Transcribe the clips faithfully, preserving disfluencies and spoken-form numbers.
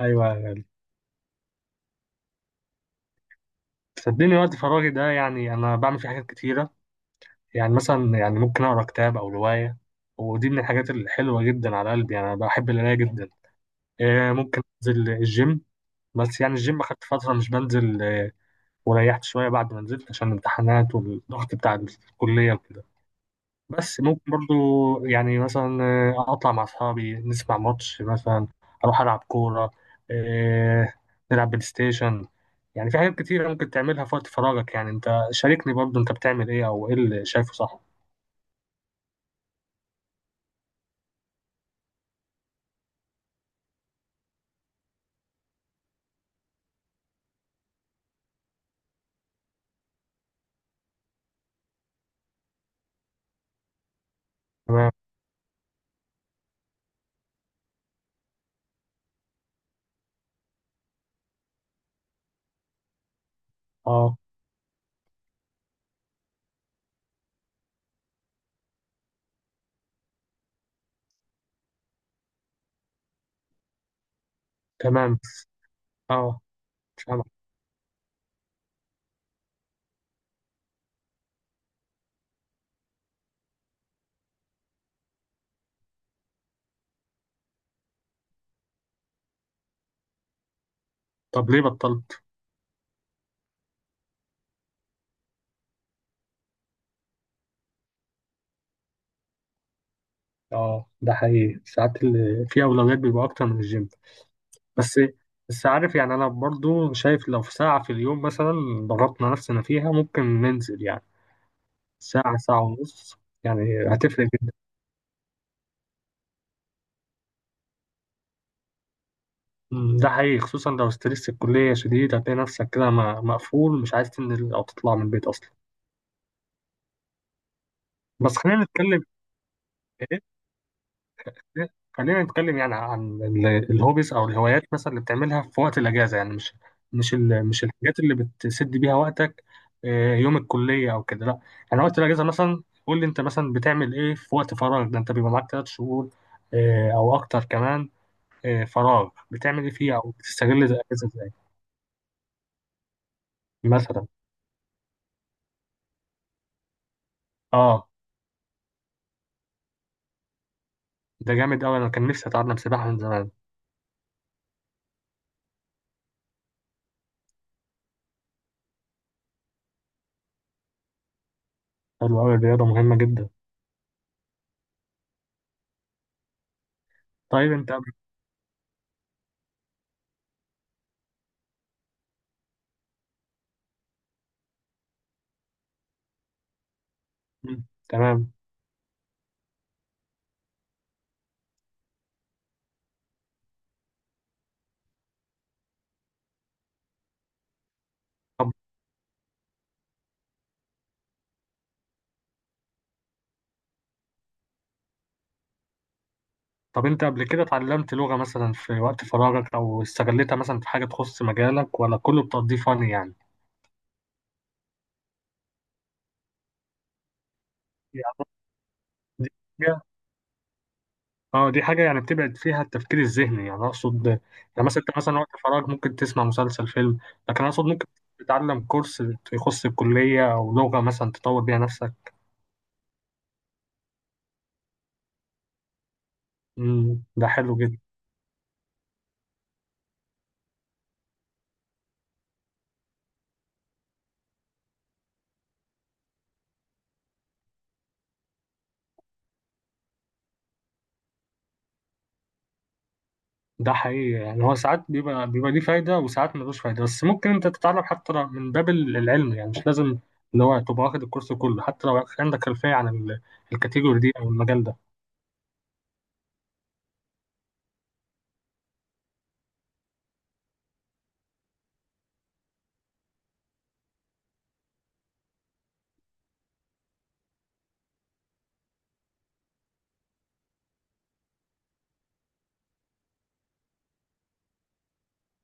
ايوه أيوة. صدقني وقت فراغي ده يعني انا بعمل فيه حاجات كتيره. يعني مثلا يعني ممكن اقرا كتاب او روايه، ودي من الحاجات الحلوه جدا على قلبي. يعني انا بحب القرايه جدا. آه، ممكن انزل الجيم، بس يعني الجيم اخدت فتره مش بنزل آه، وريحت شويه بعد ما نزلت عشان الامتحانات والضغط بتاع الكليه وكده. بس ممكن برضو يعني مثلا آه، اطلع مع اصحابي نسمع ماتش مثلا، اروح العب كوره، آه، نلعب بلاي ستيشن. يعني في حاجات كتيره ممكن تعملها في وقت فراغك. يعني انت شاركني برضو، انت بتعمل ايه او ايه اللي شايفه صح؟ تمام. اه. تمام. اه. سامع. طب ليه بطلت؟ اه ده حقيقي، ساعات اللي في اولويات بيبقى اكتر من الجيم. بس بس عارف يعني انا برضو شايف لو في ساعه في اليوم مثلا ضغطنا نفسنا فيها ممكن ننزل، يعني ساعة ساعة ونص، يعني هتفرق جدا. مم، ده حقيقي خصوصا لو ستريس الكلية شديد هتلاقي نفسك كده م- مقفول مش عايز تنزل أو تطلع من البيت أصلا. بس خلينا نتكلم. إيه، إيه، خلينا نتكلم يعني عن ال- الهوبيز أو الهوايات مثلا اللي بتعملها في وقت الأجازة، يعني مش مش ال- مش الحاجات اللي بتسد بيها وقتك، آه، يوم الكلية أو كده، لأ. يعني وقت الأجازة مثلا قول لي، أنت مثلا بتعمل إيه في وقت فراغك ده؟ أنت بيبقى معاك تلات شهور آه، أو أكتر كمان، آه، فراغ. بتعمل إيه فيه أو بتستغل الأجازة إزاي؟ مثلا. اه ده جامد قوي، انا كان نفسي اتعلم سباحه من زمان. حلو قوي، الرياضه مهمه جدا. طيب انت قبل... مم، تمام. طب طب انت قبل كده اتعلمت لغه مثلا في وقت فراغك او استغلتها مثلا في حاجه تخص مجالك، ولا كله بتقضيه فن يعني؟ يعني دي حاجه، اه دي حاجه يعني بتبعد فيها التفكير الذهني، يعني اقصد يعني مثلا انت مثلا وقت فراغ ممكن تسمع مسلسل فيلم، لكن اقصد ممكن تتعلم كورس يخص الكليه او لغه مثلا تطور بيها نفسك. مم، ده حلو جدا. ده حقيقي، يعني هو ساعات بيبقى بيبقى ليه فايدة وساعات ملوش فايدة. بس ممكن انت تتعلم حتى لو من باب ال- العلم، يعني مش لازم اللي هو تبقى واخد الكورس كله حتى لو عندك خلفية عن ال- الكاتيجوري دي او المجال ده.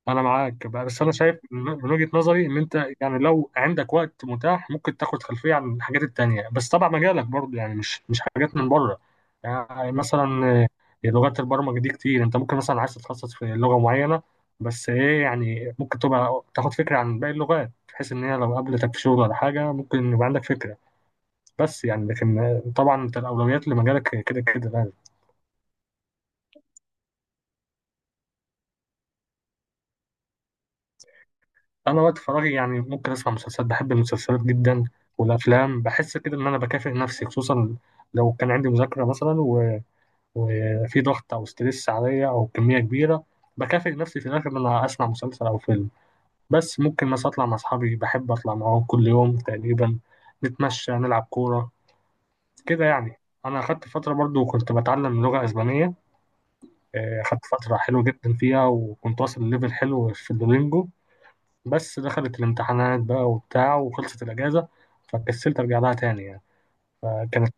انا معاك بقى، بس انا شايف من وجهة نظري ان انت يعني لو عندك وقت متاح ممكن تاخد خلفية عن الحاجات التانية، بس طبعا مجالك برضه، يعني مش مش حاجات من بره. يعني مثلا آه، لغات البرمجة دي كتير، انت ممكن مثلا عايز تتخصص في لغة معينة، بس ايه يعني ممكن تبقى تاخد فكرة عن باقي اللغات بحيث ان هي لو قابلتك في شغل ولا حاجة ممكن يبقى عندك فكرة. بس يعني لكن آه، طبعا انت الاولويات لمجالك كده كده يعني. انا وقت فراغي يعني ممكن اسمع مسلسلات، بحب المسلسلات جدا والافلام، بحس كده ان انا بكافئ نفسي، خصوصا لو كان عندي مذاكره مثلا و... وفي ضغط او ستريس عليا او كميه كبيره، بكافئ نفسي في الاخر ان انا اسمع مسلسل او فيلم. بس ممكن مثلا اطلع مع اصحابي، بحب اطلع معاهم كل يوم تقريبا، نتمشى نلعب كوره كده يعني. انا اخدت فتره برضو كنت بتعلم لغه اسبانيه، آه، اخدت فتره حلوه جدا فيها وكنت واصل لليفل حلو في الدولينجو، بس دخلت الامتحانات بقى وبتاع وخلصت الأجازة، فكسلت أرجع لها تاني يعني. فكانت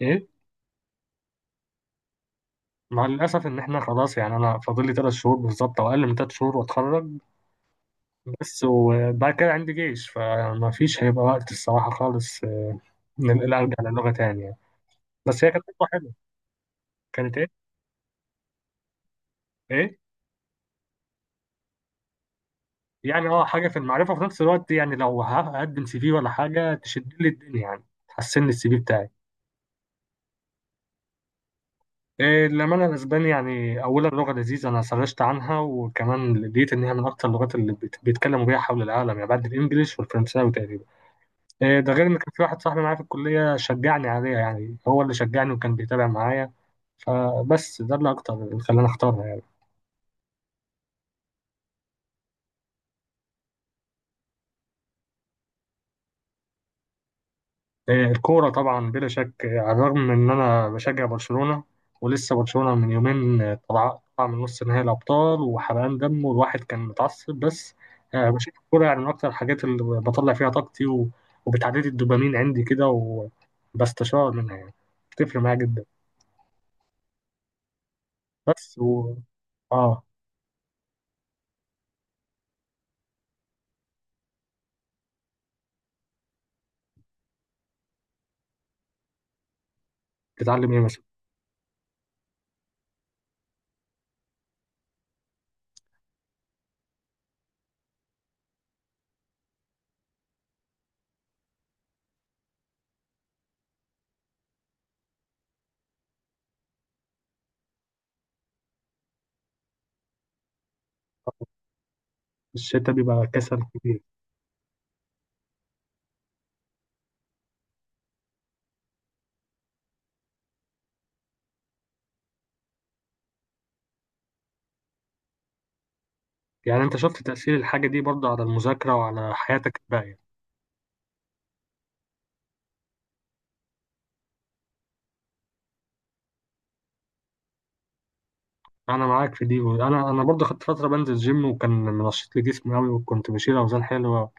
إيه. مع الأسف إن إحنا خلاص يعني أنا فاضل لي تلات شهور بالظبط أو أقل من تلات شهور وأتخرج. بس وبعد كده عندي جيش، فمفيش هيبقى وقت الصراحة خالص آه، إن أنا أرجع للغة تاني يعني. بس هي كانت تجربة حلوة. كانت إيه. إيه، يعني أه حاجة في المعرفة وفي نفس الوقت يعني لو هقدم سي في ولا حاجة تشد لي الدنيا، يعني تحسن لي السي في بتاعي. إيه، للأمانة الأسباني يعني أولا لغة لذيذة، أنا سرشت عنها وكمان لقيت إن هي من أكتر اللغات اللي بيت- بيتكلموا بيها حول العالم، يعني بعد الإنجليش والفرنساوي تقريبا. إيه، ده غير إن كان في واحد صاحبي معايا في الكلية شجعني عليها، يعني هو اللي شجعني وكان بيتابع معايا، فبس ده اللي أكتر اللي خلاني أختارها. آه، الكورة طبعا بلا شك، آه، على الرغم من إن أنا بشجع برشلونة ولسه برشلونة من يومين آه، طلع طلع من نص نهائي الأبطال، وحرقان دم والواحد كان متعصب. بس آه، بشوف الكورة يعني من أكتر الحاجات اللي بطلع فيها طاقتي و- وبتعدي لي الدوبامين عندي كده، وبستشار منها يعني، بتفرق معايا جدا. بس و آه بتتعلم إيه مثلا؟ الشتا بيبقى كسل كبير. يعني أنت شفت تأثير الحاجة دي برضه على المذاكرة وعلى حياتك الباقية؟ انا معاك في دي. انا انا برضه خدت فتره بنزل جيم وكان منشط لي جسمي قوي وكنت بشيل اوزان حلوه،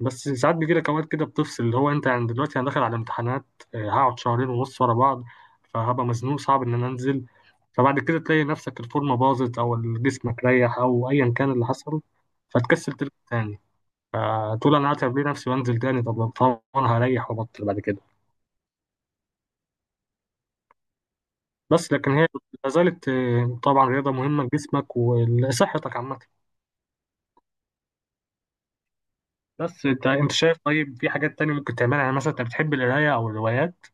بس ساعات بيجي لك اوقات كده بتفصل، اللي هو انت يعني دلوقتي انا داخل على امتحانات، آه، هقعد شهرين ونص ورا بعض، فهبقى مزنوق صعب ان انا انزل. فبعد كده تلاقي نفسك الفورمه باظت او جسمك ريح او ايا كان اللي حصل، فتكسل ترجع تاني، فتقول انا هتعب ليه نفسي وانزل تاني، طب طبعا هريح وابطل بعد كده. بس لكن هي لا زالت آه، طبعا رياضه مهمه لجسمك ولصحتك عامه. بس انت انت شايف طيب في حاجات تانية ممكن تعملها، يعني مثلا انت بتحب القراية او الروايات؟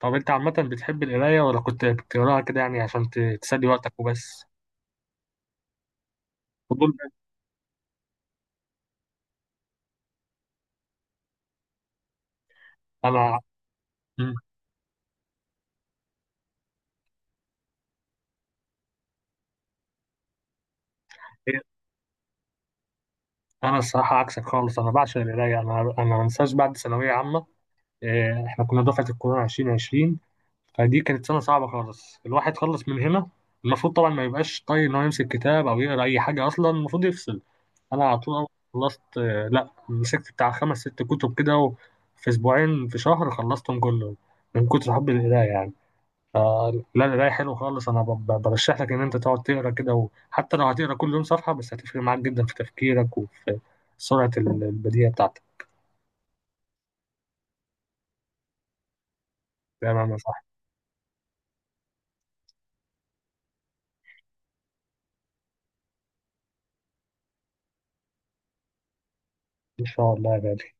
طب انت عامة بتحب القراية ولا كنت بتقراها كده يعني عشان ت- تسلي وقتك وبس؟ فضول بس. انا مم. ايه، انا الصراحة عكسك خالص، انا بعشق القراية. انا انا ما انساش بعد ثانوية عامة، اه، احنا كنا دفعة الكورونا ألفين وعشرين، فدي كانت سنة صعبة خالص. الواحد خلص من هنا المفروض طبعا ما يبقاش طايق ان هو يمسك كتاب او يقرا اي حاجة اصلا، المفروض يفصل. انا على طول أول ما خلصت آه، لا مسكت بتاع خمس ست كتب كده و- في اسبوعين في شهر خلصتهم كلهم، من كتر حب القرايه يعني. آه، لا القرايه حلو خالص، انا ب- ب- برشح لك ان انت تقعد تقرا كده، وحتى لو هتقرا كل يوم صفحه بس هتفرق معاك جدا في تفكيرك وفي سرعه ال- البديهه بتاعتك. تمام يا صاحبي. ان شاء الله يا غالي.